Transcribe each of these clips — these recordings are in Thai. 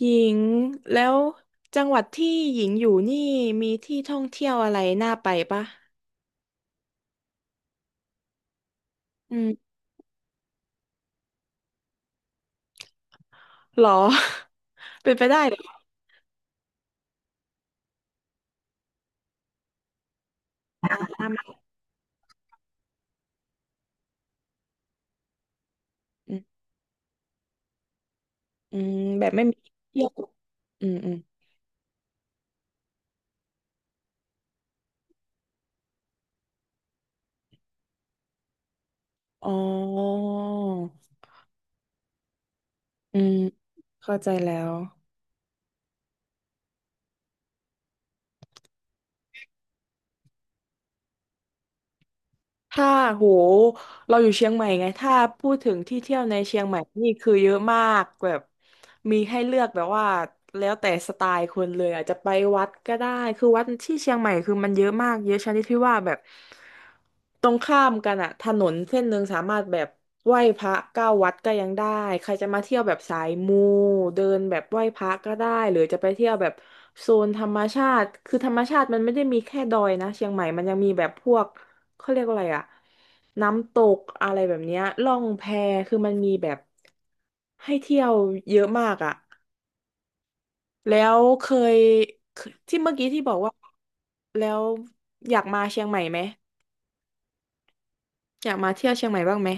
หญิงแล้วจังหวัดที่หญิงอยู่นี่มีที่ท่องเที่ยวอะไรน่าไปปะอืมหรอ เป็นไปได้เหรออืมอืมแบบไม่มีเที่ยวอืมอืมอ๋ออืมเข้าใจแล้ว ถ้าโหเราอยู่เชียงใหม่ไงถ้าพูดถึงที่เที่ยวในเชียงใหม่นี่คือเยอะมากแบบมีให้เลือกแบบว่าแล้วแต่สไตล์คนเลยอาจจะไปวัดก็ได้คือวัดที่เชียงใหม่คือมันเยอะมากเยอะชนิดที่ว่าแบบตรงข้ามกันอะถนนเส้นหนึ่งสามารถแบบไหว้พระเก้าวัดก็ยังได้ใครจะมาเที่ยวแบบสายมูเดินแบบไหว้พระก็ได้หรือจะไปเที่ยวแบบโซนธรรมชาติคือธรรมชาติมันไม่ได้มีแค่ดอยนะเชียงใหม่มันยังมีแบบพวก เขาเรียกว่าอะไรอะน้ำตกอะไรแบบเนี้ยล่องแพคือมันมีแบบให้เที่ยวเยอะมากอะแล้วยเคยที่เมื่อกี้ที่บอกว่าแล้วอยากมาเชียงใหม่ไหมอยากมาเที่ยวเชียงใหม่บ้างไหม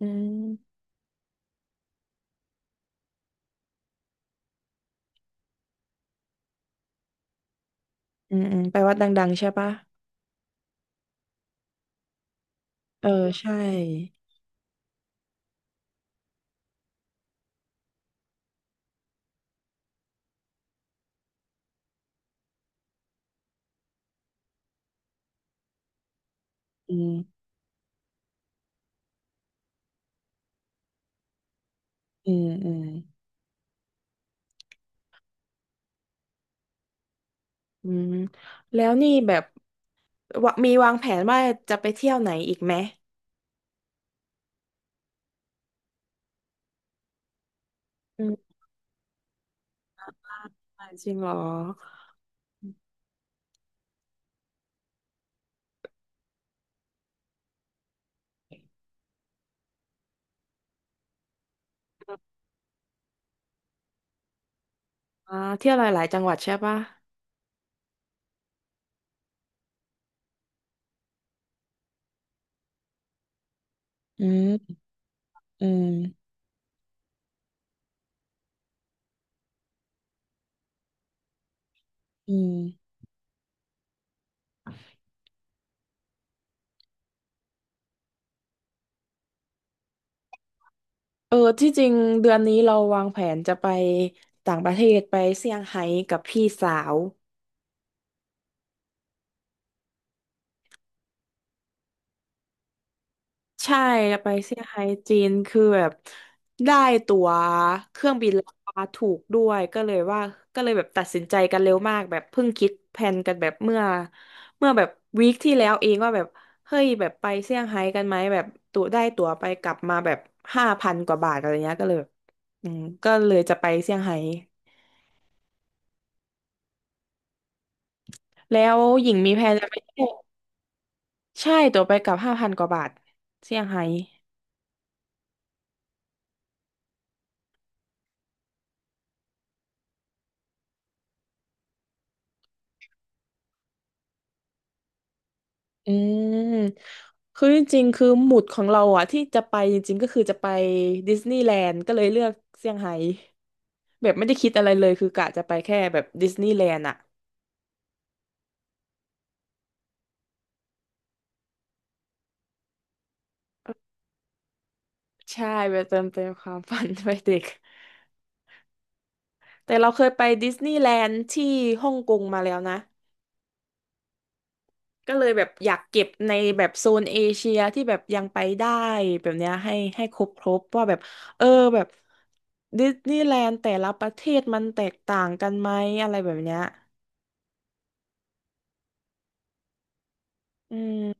อืมอืมอืมไปวัดดังๆใช่ปะเออใช่อืมอืมอืมอืมแล้วนี่แบบวะมีวางแผนว่าจะไปเที่ยวไหนอีกไหมอืมจริงเหรออ่าเที่ยวหลายๆจังหวัดใช่ปะ อืมอืมอืมเออที่จริงเดือนนี้เราวางแผนจะไปต่างประเทศไปเซี่ยงไฮ้กับพี่สาวใช่ไปเซี่ยงไฮ้จีนคือแบบได้ตั๋วเครื่องบินราคาถูกด้วยก็เลยว่าก็เลยแบบตัดสินใจกันเร็วมากแบบเพิ่งคิดแผนกันแบบเมื่อแบบวีคที่แล้วเองว่าแบบเฮ้ยแบบไปเซี่ยงไฮ้กันไหมแบบตั๋วได้ตั๋วไปกลับมาแบบห้าพันกว่าบาทอะไรเงี้ยก็เลยแบบอืมก็เลยจะไปเซี่ยงไฮ้ แล้วหญิงมีแผนจะไปเที่ยวใช่ตั๋วไปกลับห้าพันกว่าบาทเซี่ยงไฮ้อืม คือจริงๆคือหมุดของเราอะที่จะไปจริงๆก็คือจะไปดิสนีย์แลนด์ก็เลยเลือกเซี่ยงไฮ้แบบไม่ได้คิดอะไรเลยคือกะจะไปแค่แบบดิสนีย์แลนด์อะใช่ไปเติมเต็มความฝัน ไปเด็กแต่เราเคยไปดิสนีย์แลนด์ที่ฮ่องกงมาแล้วนะ ก็เลยแบบอยากเก็บในแบบโซนเอเชียที่แบบยังไปได้แบบเนี้ยให้ครบครบว่าแบบเออแบบดิสนีย์แลนด์แต่ละประเทศมันแตกต่างกันไหมอะไรแบบเนี้ยอืม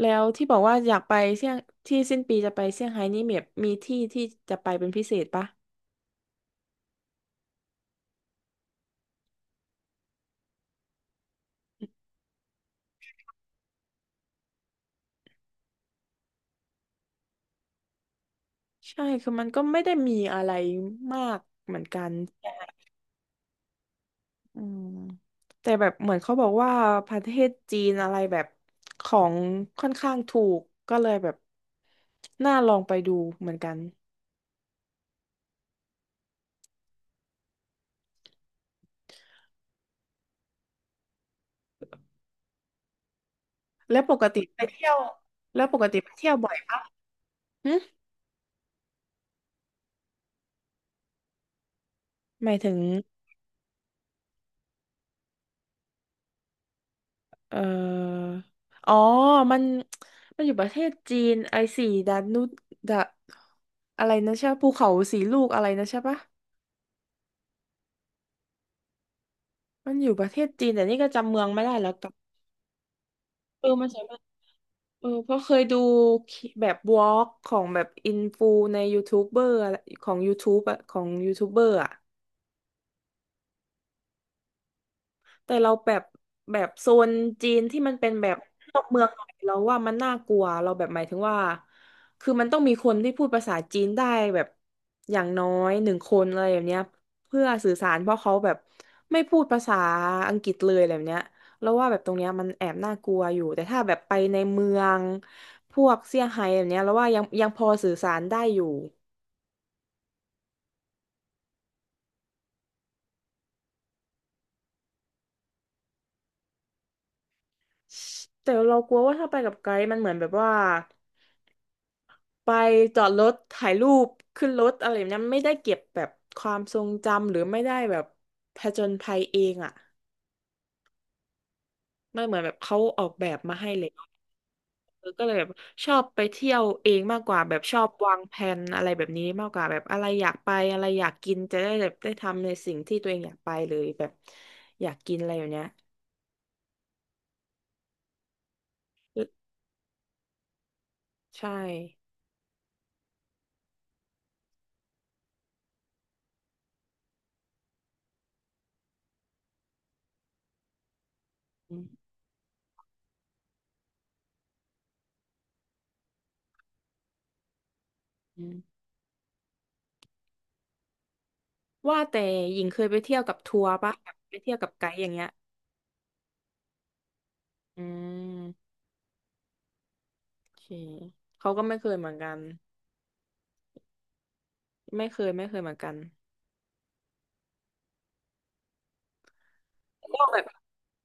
แล้วที่บอกว่าอยากไปเซี่ยงที่สิ้นปีจะไปเซี่ยงไฮ้นี่แบบมีที่ที่จะไปเป็นพิเศษปะใช่คือมันก็ไม่ได้มีอะไรมากเหมือนกัน อืมแต่แบบเหมือนเขาบอกว่าประเทศจีนอะไรแบบของค่อนข้างถูกก็เลยแบบน่าลองไปดูเหมือนกันแล้วปกติไปเที่ยวแล้วปกติไปเที่ยวบ่อยปะหึหมายถึงเอ่ออ๋อมันมันอยู่ประเทศจีนไอสีดานุดาอะไรนะใช่ปะภูเขาสีลูกอะไรนะใช่ปะมันอยู่ประเทศจีนแต่นี่ก็จำเมืองไม่ได้แล้วกับเออมันใช่ เออเพราะเคยดูแบบวอล์กของแบบอินฟูในยูทูบเบอร์อะไรของ YouTube อะของยูทูบเบอร์อะ แต่เราแบบแบบโซนจีนที่มันเป็นแบบนอกเมืองหน่อยเราว่ามันน่ากลัวเราแบบหมายถึงว่าคือมันต้องมีคนที่พูดภาษาจีนได้แบบอย่างน้อยหนึ่งคนอะไรแบบเนี้ยเพื่อสื่อสารเพราะเขาแบบไม่พูดภาษาอังกฤษเลยอะไรแบบเนี้ยเราวว่าแบบตรงเนี้ยมันแอบน่ากลัวอยู่แต่ถ้าแบบไปในเมืองพวกเซี่ยงไฮ้แบบเนี้ยเราว่ายังพอสื่อสารได้อยู่แต่เรากลัวว่าถ้าไปกับไกด์มันเหมือนแบบว่า ไปจอดรถถ่ายรูปขึ้นรถอะไรแบบนั้นไม่ได้เก็บแบบความทรงจำหรือไม่ได้แบบผจญภัยเองอ่ะมันเหมือนแบบเขาออกแบบมาให้เลยเออก็เลยแบบชอบไปเที่ยวเองมากกว่าแบบชอบวางแผนอะไรแบบนี้มากกว่าแบบอะไรอยากไปอะไรอยากกินจะได้แบบได้ทำในสิ่งที่ตัวเองอยากไปเลยแบบอยากกินอะไรอย่างเนี้ยเออใช่อืมอืมว่าแต่หญิงเคยไปเที่ยวกับทัวร์ปะแบบไปเที่ยวกับไกด์อย่างเงี้ยอืม โอเคเขาก็ไม่เคยเหมือนกันไม่เคยไม่เคยเหมือนกันก็แบบ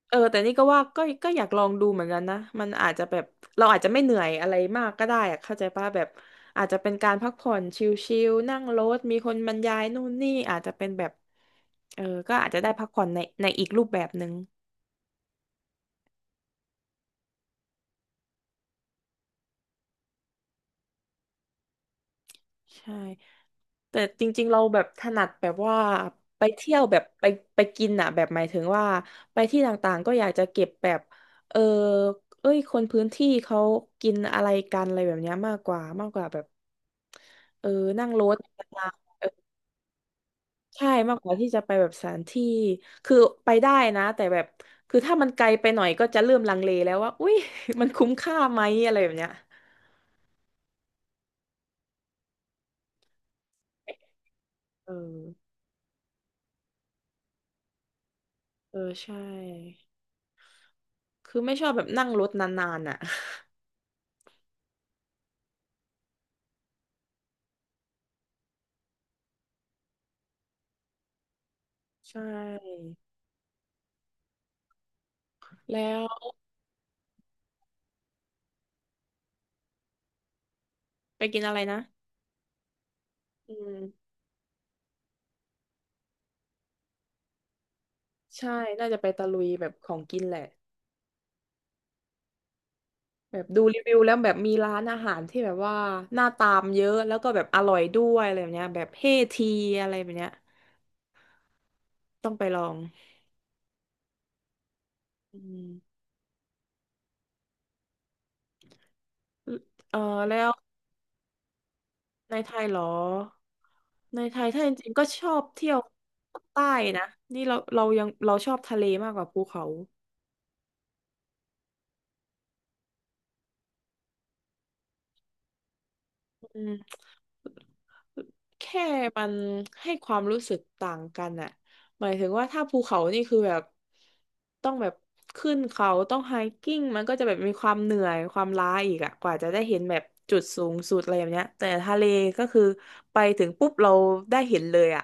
เออแต่นี่ก็ว่าก็อยากลองดูเหมือนกันนะมันอาจจะแบบเราอาจจะไม่เหนื่อยอะไรมาก ก็ได้อะเข้าใจป่ะแบบอาจจะเป็นการพักผ่อนชิลๆนั่งรถ มีคนบรรยายนู่นนี่อาจจะเป็นแบบอก็อาจจะได้พักผ่อนในอีกรูปแบบหนึ่งใช่ แต่จริงๆเราแบบถนัดแบบว่าไปเที่ยวแบบไปกินอะแบบหมายถึงว่าไปที่ต่างๆก็อยากจะเก็บแบบเออเอ้ยคนพื้นที่เขากินอะไรกันอะไรแบบเนี้ยมากกว่าแบบเออนั่งรถใช่มากกว่าที่จะไปแบบสถานที่คือไปได้นะแต่แบบคือถ้ามันไกลไปหน่อยก็จะเริ่มลังเลแล้วว่าอุ้ย มันคุ้มค่าไหมอะไรแบบเนี้ยเออเออใช่คือไม่ชอบแบบนั่งรถนานๆอ่ะ ใช่แล้ว ไปกินอะไรนะอืมใช่น่าจะไปตะลุยแบบของกินแหละแบบดูรีวิวแล้วแบบมีร้านอาหารที่แบบว่าน่าตามเยอะแล้วก็แบบอร่อยด้วยอะไรแบบเนี้ยแบบเฮทีอะไรแบบเนี้ยต้องไปลองอืมเออแล้วในไทยเหรอในไทยถ้าจริงๆก็ชอบเที่ยวใต้นะนี่เรายังเราชอบทะเลมากกว่าภูเขาอืม แค่มันให้ความรู้สึกต่างกันอะหมายถึงว่าถ้าภูเขานี่คือแบบต้องแบบขึ้นเขาต้องไฮกิ้งมันก็จะแบบมีความเหนื่อยความล้าอีกอะกว่าจะได้เห็นแบบจุดสูงสุดอะไรแบบเนี้ยแต่ทะเลก็คือไปถึงปุ๊บเราได้เห็นเลยอะ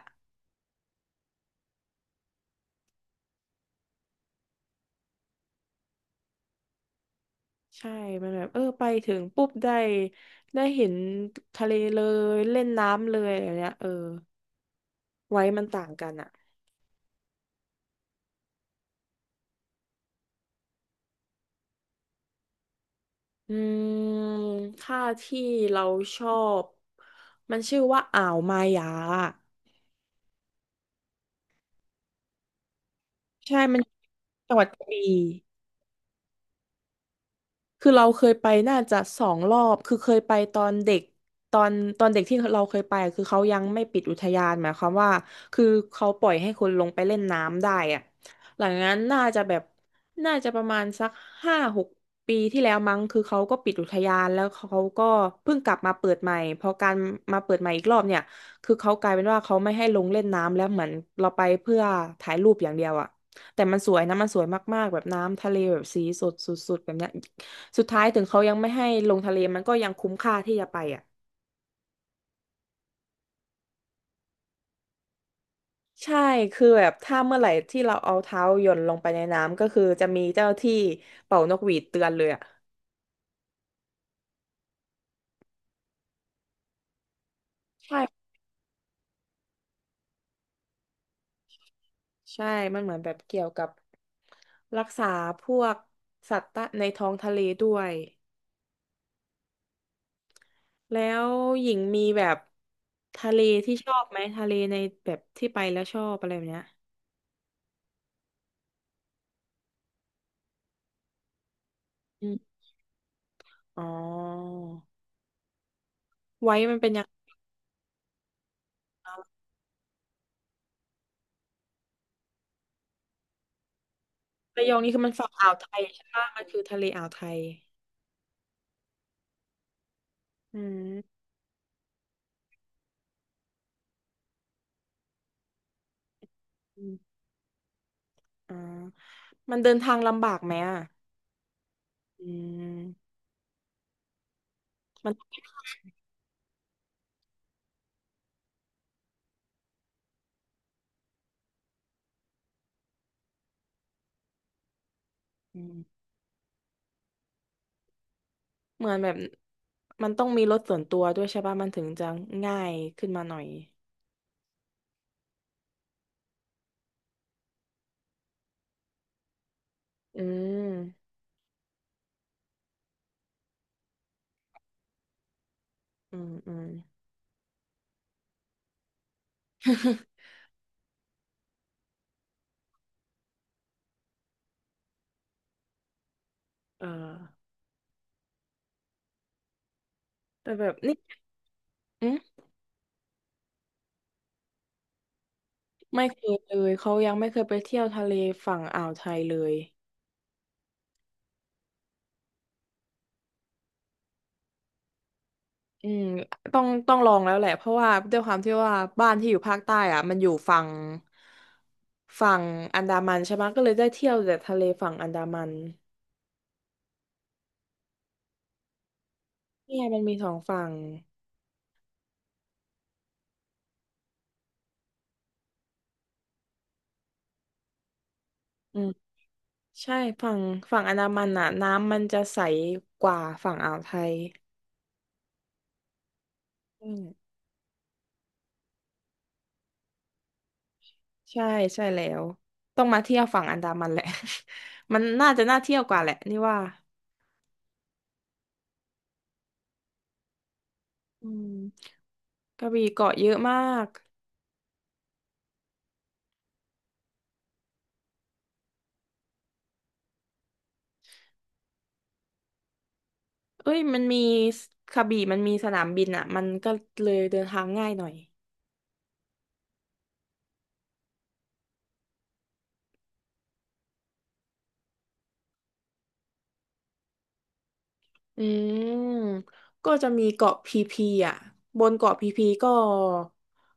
ใช่มันแบบเออไปถึงปุ๊บได้เห็นทะเลเลยเล่นน้ำเลยอะไรเนี้ยเออไว้มันต่างกันอะ อืมค่าที่เราชอบ มันชื่อว่าอ่าวมายา ใช่ มันจังหวัดกระบี่ คือเราเคยไปน่าจะ2 รอบ คือเคยไปตอนเด็ก ตอนตอนเด็กที่เราเคยไปอะคือเขายังไม่ปิดอุทยานหมายความว่า คือเขาปล่อยให้คนลงไปเล่นน้ำได้อะหลังจากนั้นน่าจะแบบน่าจะประมาณสัก5-6ปีที่แล้วมั้งคือเขาก็ปิดอุทยานแล้วเขาก็เพิ่งกลับมาเปิดใหม่พอการมาเปิดใหม่อีกรอบเนี่ยคือเขากลายเป็นว่าเขาไม่ให้ลงเล่นน้ำแล้วเหมือนเราไปเพื่อถ่ายรูปอย่างเดียวอะ แต่มันสวยนะมันสวยมากๆแบบน้ำทะเลแบบสีสดสุดๆแบบเนี้ยสุดท้ายถึงเขายังไม่ให้ลงทะเลมันก็ยังคุ้มค่าที่จะไปอ่ะใช่คือแบบถ้าเมื่อไหร่ที่เราเอาเท้าหย่อนลงไปในน้ำก็คือจะมีเจ้าที่เป่านกหวีดเตือนเลยอ่ะใช่ใช่มันเหมือนแบบเกี่ยวกับรักษาพวกสัตว์ตะในท้องทะเลด้วยแล้วหญิงมีแบบทะเลที่ชอบไหมทะเลในแบบที่ไปแล้วชอบอะไรแบบเนี้ยอืมอ๋อไว้มันเป็นยัง ระยองนี่คือมันฝั่งอ่าวไทยใช่ปะมันคือทะเลอ่าวไทยอืมอมอ่ามันเดินทางลำบากไหมอ่ะอืมมันอืมเหมือนแบบมันต้องมีรถส่วนตัวด้วยใช่ปะมันถึงจะง่ายขึ้นมาหน่อยอืมอืม เออแต่แบบนี่อืม ไม่เคยเลยเขายังไม่เคยไปเที่ยวทะเลฝั่งอ่าวไทยเลย อืมต้องลองแล้วแหละเพราะว่าด้วยความที่ว่าบ้านที่อยู่ภาคใต้อ่ะมันอยู่ฝั่งฝั่งอันดามันใช่ไหมก็เลยได้เที่ยวแต่ทะเลฝั่งอันดามันเนี่ยมันมี2 ฝั่งอืมใช่ ฝั่งอันดามันอ่ะน้ำมันจะใสกว่าฝั่งอ่าวไทยอืมใช่ ใช่แล้วต้องมาเที่ยวฝั่งอันดามันแหละ มันน่าจะน่าเที่ยวกว่าแหละนี่ว่าอืมกระบี่เกาะเยอะมาก เอ้ยมันมีกระบี่มันมีสนามบินอ่ะ มันก็เลยเดินทางง่ายหน่อย อืมก็จะมีเกาะพีพีอ่ะ บนเกาะพีพีก็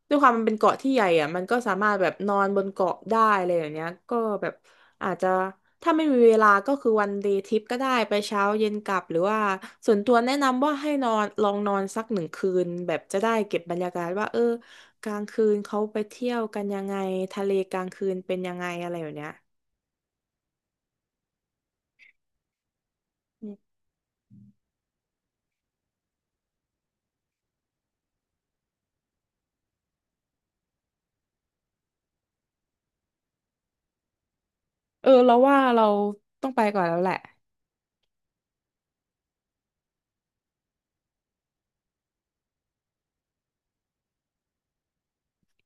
ด้วยความมันเป็นเกาะที่ใหญ่อ่ะ มันก็สามารถแบบนอนบนเกาะได้อะไรอย่างเนี้ยก็แบบอาจจะถ้าไม่มีเวลาก็คือวันเดย์ทริปก็ได้ไปเช้าเย็นกลับหรือว่าส่วนตัวแนะนำว่าให้นอนลองนอนสัก1 คืนแบบจะได้เก็บบรรยากาศว่าเออกลางคืนเขาไปเที่ยวกันยังไงทะเลกลางคืนเป็นยังไงอะไรอย่างเนี้ย เออเราว่าเราต้องไปก่อนแล้วแหละ